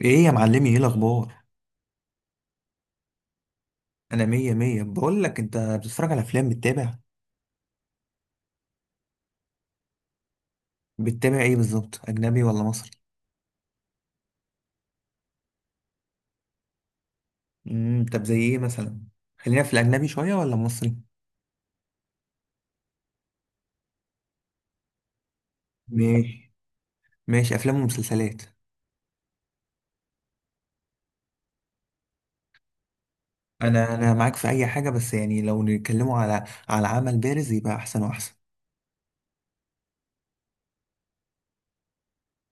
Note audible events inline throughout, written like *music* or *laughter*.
ايه يا معلمي، ايه الاخبار؟ انا مية مية، بقول لك. انت بتتفرج على افلام؟ بتتابع؟ بتتابع ايه بالظبط، اجنبي ولا مصري؟ طب زي ايه مثلا؟ خلينا في الاجنبي شوية ولا مصري؟ ماشي. ماشي، افلام ومسلسلات. انا معاك في اي حاجة، بس يعني لو نتكلموا على عمل بارز يبقى احسن واحسن.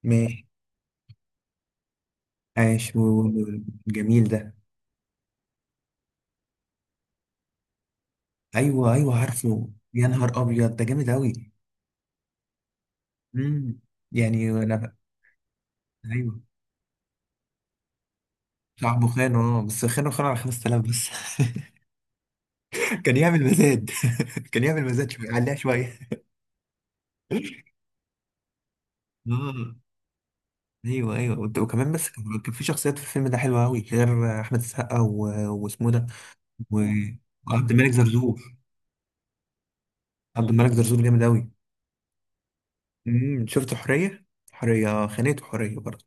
ماشي. عاش و- جميل ده. ايوه ايوه، عارفه. يا نهار ابيض، ده جامد اوي. امم يعني انا، ايوه. صاحبه خانه، اه بس خانه على 5000 بس. *laughs* كان يعمل مزاد. *laughs* كان يعمل مزاد، شويه عليها شويه. امم ايوه ايوه، وكمان بس كان في شخصيات في الفيلم ده حلوه قوي غير احمد السقا واسمه ده و- وعبد الملك زرزور. عبد الملك زرزور جامد قوي. شفت حريه؟ حريه خانته، حريه برضه.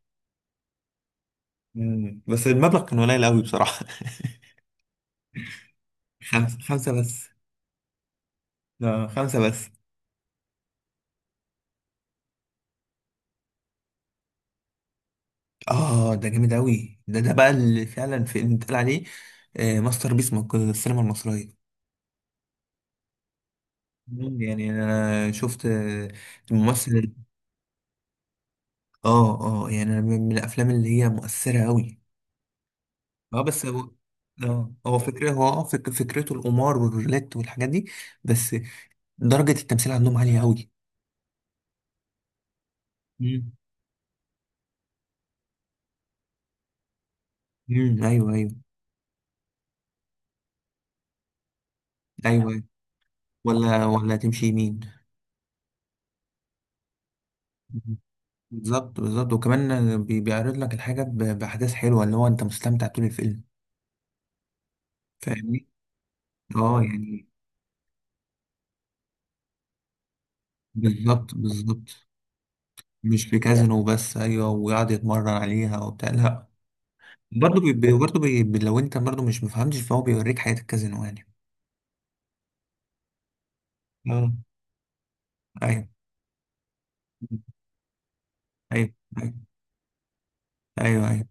بس المبلغ كان قليل قوي بصراحه. *laughs* خمسه، خمسه بس. اه خمسه بس. اه ده جامد قوي، ده بقى اللي فعلا في اللي اتقال عليه آه، ماستر بيس السينما المصريه. يعني انا شفت الممثل. اه اه، يعني أنا من الافلام اللي هي مؤثره قوي. اه بس هو، اه هو فكره، هو اه فكرته القمار والرولات والحاجات دي. بس درجه التمثيل عندهم عاليه قوي. امم أمم، ايوه ايوه. ايوه أيوة. ولا، ولا تمشي يمين. مم. بالظبط بالظبط. وكمان بيعرض لك الحاجه باحداث حلوه، اللي هو انت مستمتع طول الفيلم. فاهمني. اه يعني، بالظبط بالظبط. مش في كازينو بس، ايوه، ويقعد يتمرن عليها وبتاع، لا. برضه برضه لو انت برضه مش مفهمتش، فهو بيوريك حياة الكازينو يعني. اه ايوه ايوه. ايوه ايوه، أيوة.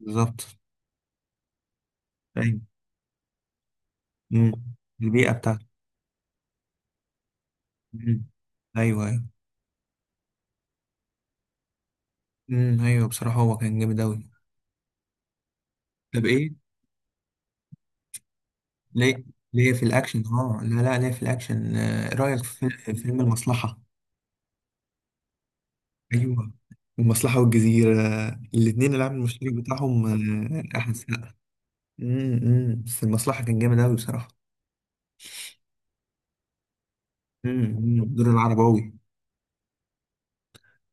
بالظبط. ايوه. مم. البيئة بتاعته. مم. ايوه ايوه. مم. ايوه، بصراحة هو كان جامد اوي. طب ايه؟ ليه، في الاكشن. اه لا لا، ليه في الاكشن. آه، إيه رأيك في فيلم المصلحة؟ ايوه، المصلحة والجزيرة، الاتنين العامل المشترك بتاعهم آه، احمد سقا. بس المصلحة كان جامد أوي بصراحة. أمم. دور العرباوي.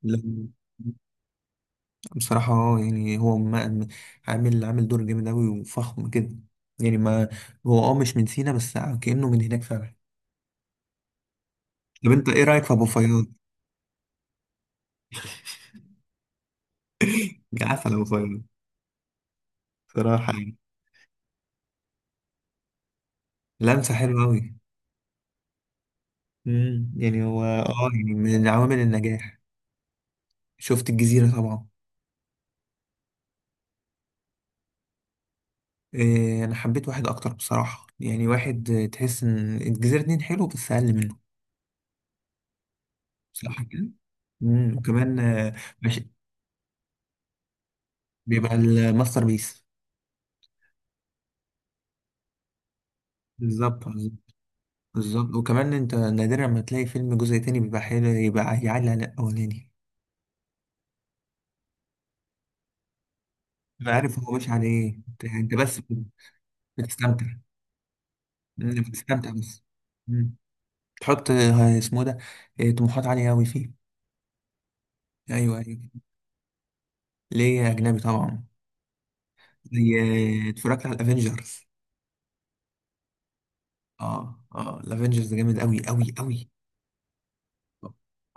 لا، بصراحة اه، يعني هو ما، عامل دور جامد أوي وفخم كده. يعني ما، هو اه مش من سينا، بس آه، كأنه من هناك فعلا. طب انت ايه رأيك في أبو فياض؟ عسل أبو فياض، بصراحة يعني. لمسة حلوة أوي. يعني هو اه يعني من عوامل النجاح. شفت الجزيرة طبعا. إيه، أنا حبيت واحد أكتر بصراحة يعني. واحد آه، تحس إن الجزيرة اتنين حلو بس أقل منه. صح كده. مم. وكمان آه، مش- بيبقى الماستر بيس. بالظبط بالظبط. وكمان انت نادرا ما تلاقي فيلم جزء تاني بيبقى حلو يبقى يعلي على الاولاني. انا عارف هو ماشي على ايه. انت بس بتستمتع. انت بتستمتع بس. مم. تحط آه، اسمه ده، آه، طموحات عالية أوي فيه. أيوه أيوه. ليه، أجنبي طبعا. زي آه، اتفرجت على الأفينجرز. اه اه، الأفينجرز جامد أوي أوي أوي.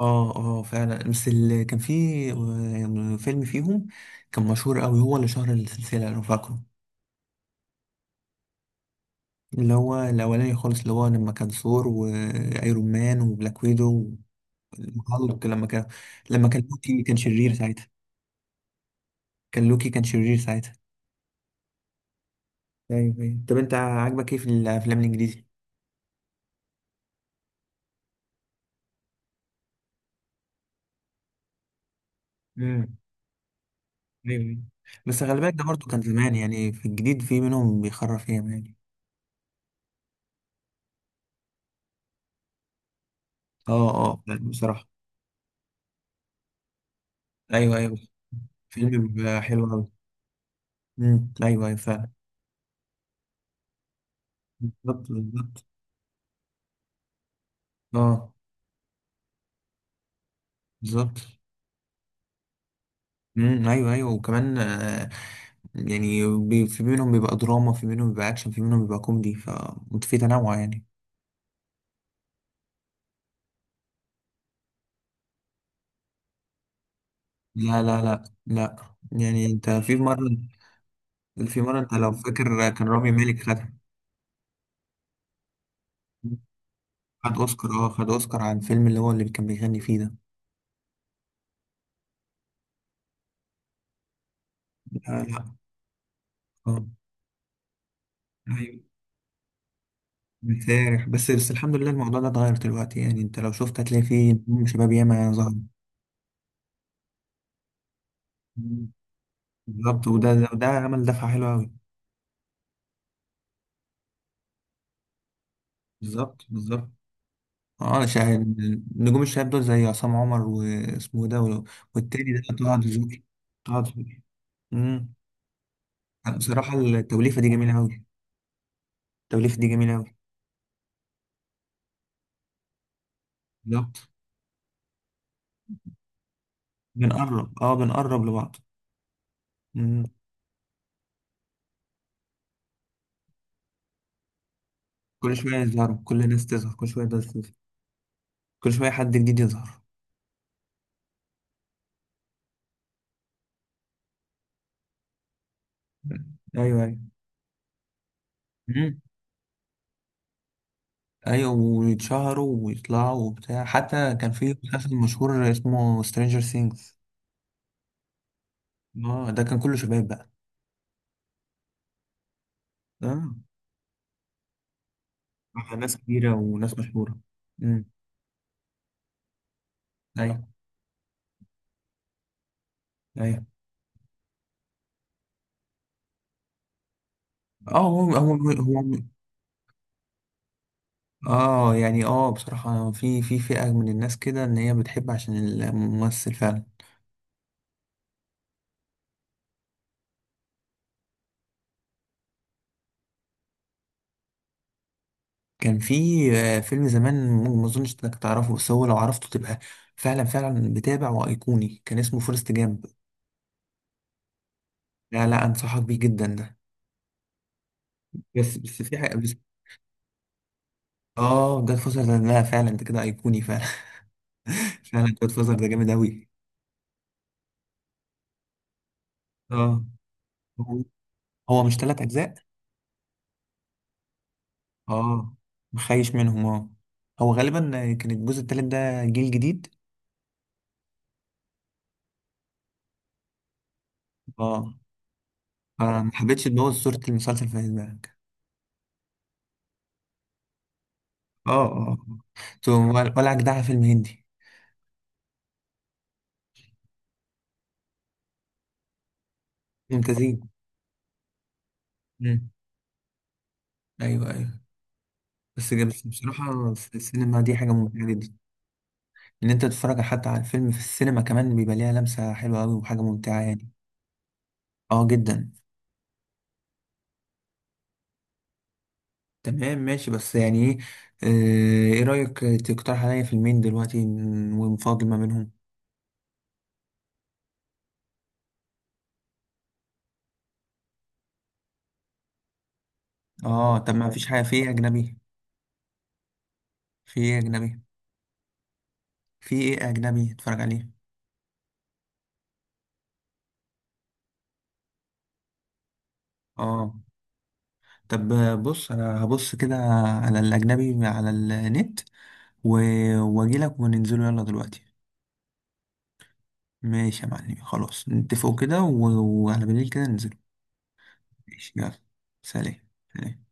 اه اه فعلا، بس اللي كان فيه آه، فيلم فيهم كان مشهور قوي، هو اللي شهر السلسلة لو فاكره. اللي هو الأولاني خالص، اللي هو لما كان ثور وأيرون مان وبلاك ويدو وهالك، لما كان، لوكي كان شرير ساعتها. كان لوكي كان شرير ساعتها. ايوه ايوه. طب انت عاجبك ايه في الافلام الانجليزي؟ امم ايوه أيوة. بس خلي بالك، ده برضه كان زمان يعني. في الجديد في منهم بيخرف ياما يعني. اه اه بصراحة. ايوه ايوه. فيلم بيبقى حلو أوي. مم. ايوه ايوه فعلا. بالظبط بالظبط. اه، بالظبط. مم. ايوه ايوه. وكمان آه، يعني في منهم بيبقى دراما، في منهم بيبقى اكشن، في منهم بيبقى كوميدي، ففي تنوع يعني. لا لا لا لا. يعني انت في مره، في مره انت لو فاكر كان رامي مالك خدها. خد اوسكار، اه خد اوسكار عن الفيلم اللي هو اللي كان بيغني فيه ده. لا لا. اه ايوه. بتسارح بس، الحمد لله الموضوع ده اتغير دلوقتي. يعني انت لو شفت هتلاقي فيه نجوم شباب ياما ظهر. بالظبط، وده عمل دفعة حلوة أوي. بالظبط بالظبط. اه انا شاهد. نجوم الشباب دول زي عصام عمر واسمه ده والتاني ده طه دسوقي. طه دسوقي. امم بصراحة التوليفة دي جميلة أوي. التوليفة دي جميلة أوي. بالظبط. بنقرب، اه بنقرب لبعض. امم كل شوية يظهروا، كل الناس تظهر، كل شوية ناس تظهر، كل شوية حد جديد يظهر. ايوه ايوه. امم ايوه، ويتشهروا ويطلعوا وبتاع. حتى كان في مسلسل مشهور اسمه سترينجر سينجز. اه ده كان كله شباب بقى. اه مع ناس كبيرة وناس مشهورة. امم ايوه ايوه. اه هو يعني، اه يعني، اه بصراحة في فئة من الناس كده ان هي بتحب عشان الممثل فعلا. كان في آه، فيلم زمان، ما اظنش انك تعرفه، بس هو لو عرفته تبقى فعلا فعلا بتابع وايقوني. كان اسمه فورست جامب. لا لا، انصحك بيه جدا ده. بس بس في حاجة بس، اه جاد فازر ده، لا فعلا انت كده ايقوني فعلا. *laughs* فعلا جاد فازر ده جامد اوي. اه هو مش ثلاث اجزاء؟ اه مخيش منهم. اه هو غالبا كان الجزء التالت ده جيل جديد. اه فما حبيتش تبوظ صورة المسلسل في دماغك. اه اه. تو- ولا جدعها فيلم هندي؟ ممتازين. مم. ايوه ايوه. بس بصراحة في السينما دي حاجة ممتعة جدا. ان انت تتفرج حتى على الفيلم في السينما كمان بيبقى ليها لمسة حلوة قوي وحاجة ممتعة يعني. اه جدا. تمام ماشي، بس يعني ايه، آه، ايه رأيك تقترح عليا فيلمين دلوقتي ونفاضل ما بينهم. اه طب ما فيش حاجة في ايه أجنبي. في ايه أجنبي؟ في ايه أجنبي اتفرج عليه؟ اه طب بص، أنا هبص كده على الأجنبي على النت و... وأجيلك وننزله يلا دلوقتي. ماشي يا معلم، خلاص نتفقوا كده و... وعلى بالليل كده ننزله. ماشي يلا. سلام. سلام.